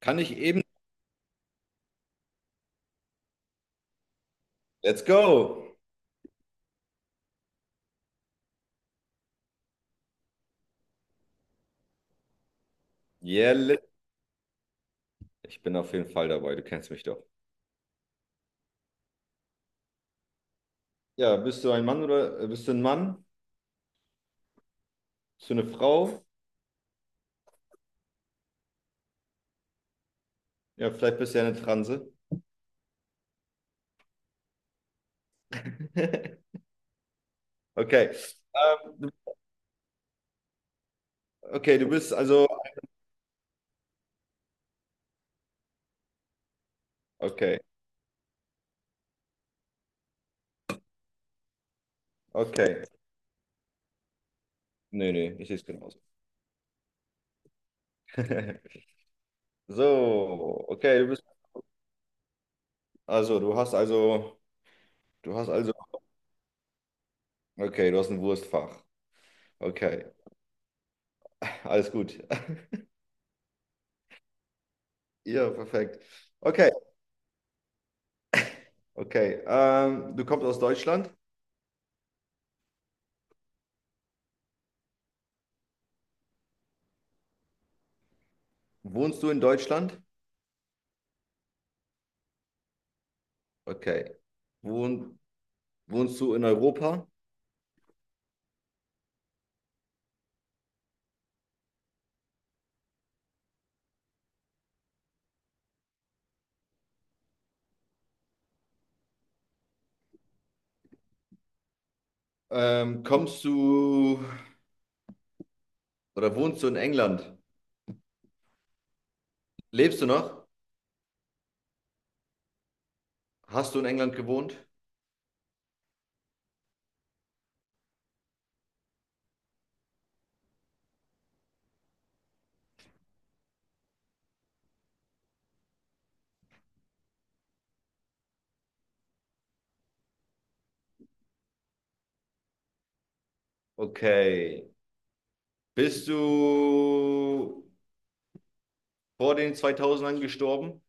Kann ich eben. Let's go. Yeah, let Ich bin auf jeden Fall dabei. Du kennst mich doch. Ja, bist du ein Mann oder bist du ein Mann? Bist du eine Frau? Ja, vielleicht bist du ja eine Transe. Okay. Ähm, du- okay, du bist also. Okay, okay. Nee, nee, ich sehe es genauso. So, okay, du bist. Also, du hast also. Du hast also. Okay, du hast ein Wurstfach. Okay, alles gut. Ja, perfekt. Okay, okay. Du kommst aus Deutschland. Wohnst du in Deutschland? Okay. Wohn, wohnst du in Europa? Kommst du oder wohnst du in England? Lebst du noch? Hast du in England gewohnt? Okay. Bist du vor den zweitausendern gestorben?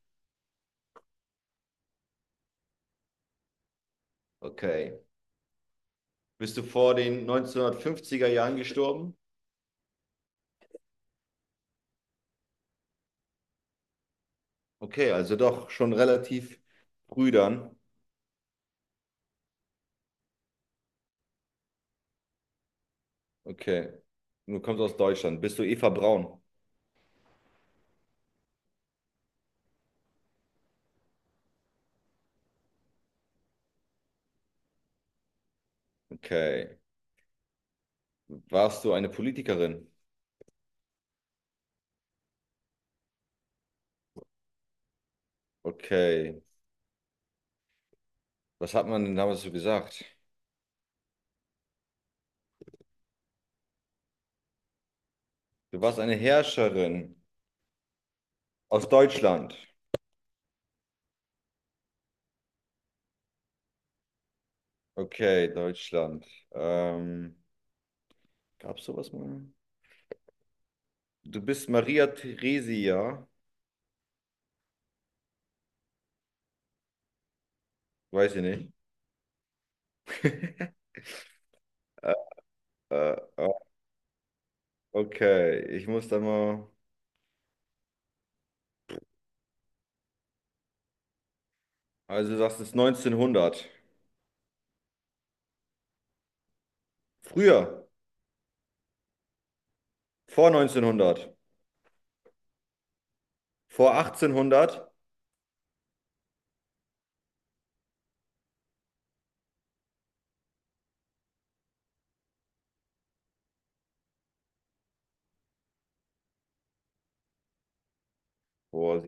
Okay. Bist du vor den neunzehnhundertfünfziger Jahren gestorben? Okay, also doch schon relativ früh dann. Okay. Und du kommst aus Deutschland. Bist du Eva Braun? Okay. Warst du eine Politikerin? Okay. Was hat man denn damals so gesagt? Du warst eine Herrscherin aus Deutschland. Okay, Deutschland. Ähm, Gab's sowas mal? Du bist Maria Theresia. Weiß ich nicht. äh, äh, äh, okay, ich muss da mal. Also, du sagst, es ist 1900. Früher, vor 1900, vor 1800. Boah,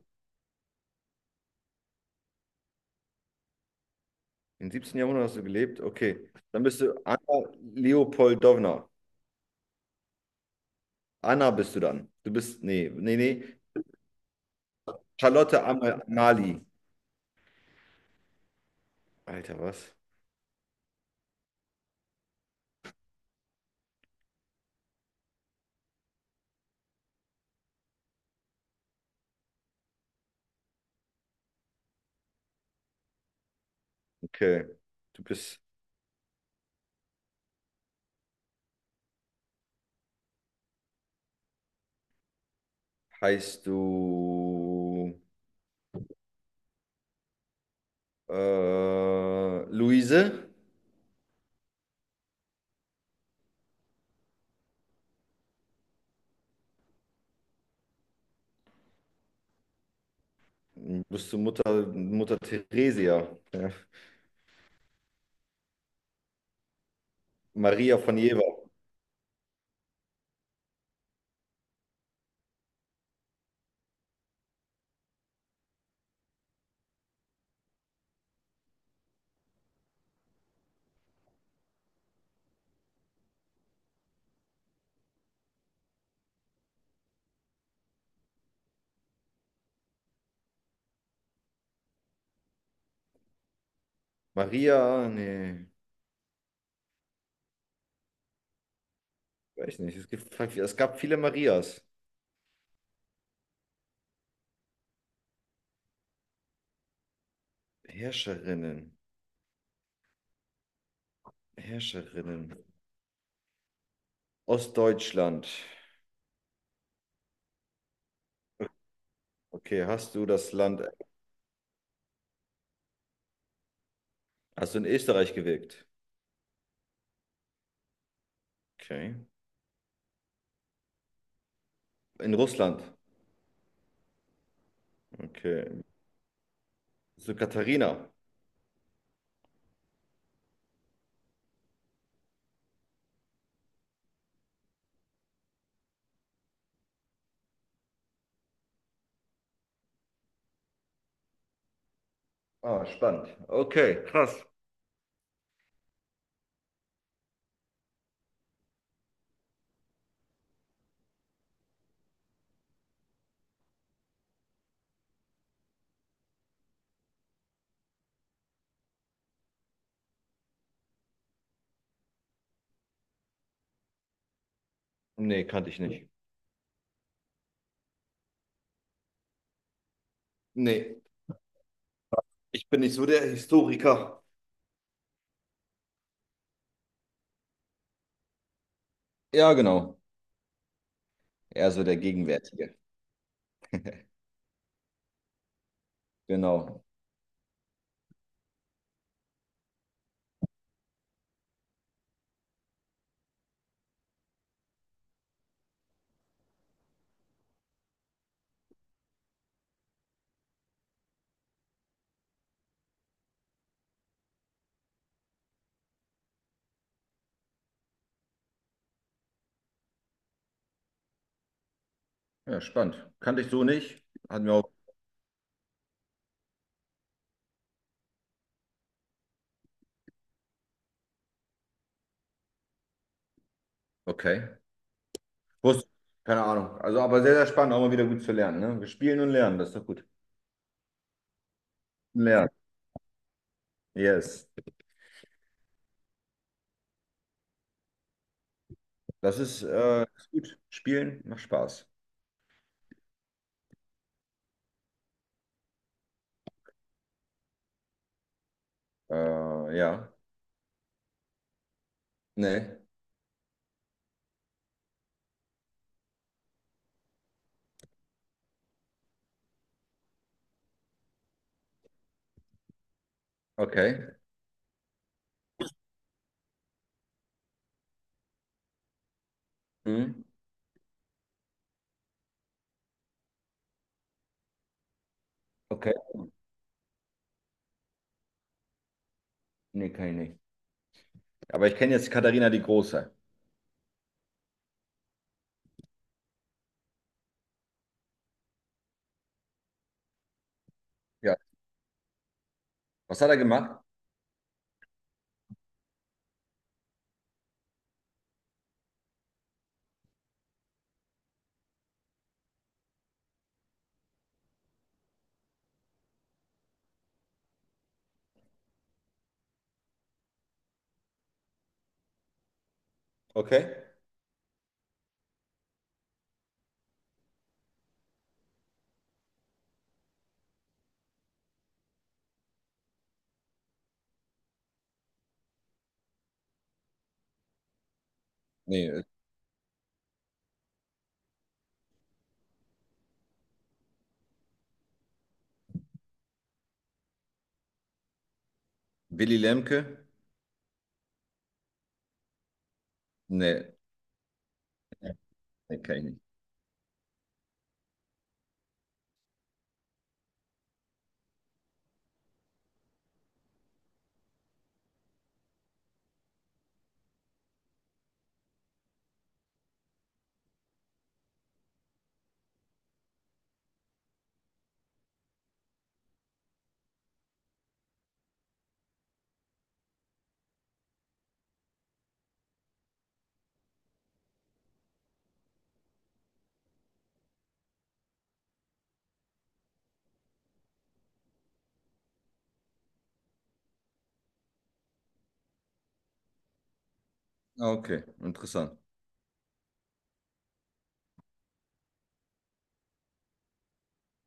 im 17. Jahrhundert hast du gelebt. Okay, dann bist du Anna Leopoldowna. Anna bist du dann. Du bist, nee, nee, nee. Charlotte Amal Amalie. Alter, was? Okay. Du bist, heißt du Luise? Bist du Mutter, Mutter Theresia? Ja. Maria von Jever. Maria, nee, weiß nicht. Es gibt, halt, es gab viele Marias. Herrscherinnen, Herrscherinnen. Ostdeutschland. Okay, hast du das Land, hast du in Österreich gewirkt? Okay. In Russland? Okay. So Katharina? Ah, spannend. Okay, krass. Nee, kannte ich nicht. Nee. Ich bin nicht so der Historiker. Ja, genau. Eher so der Gegenwärtige. Genau. Ja, spannend. Kannte ich so nicht. Hat mir auch. Okay. Wusste. Keine Ahnung. Also, aber sehr, sehr spannend, auch mal wieder gut zu lernen. Ne? Wir spielen und lernen, das ist doch gut. Lernen. Yes. Das ist, ist gut. Spielen macht Spaß. Ja. Nee. Okay. Hm. Okay. Nee, kann ich nicht. Aber ich kenne jetzt Katharina die Große. Ja. Was hat er gemacht? Okay. Nee. Willy Lemke? Nee. Nee, kenn ich nicht. Ah, okay, interessant.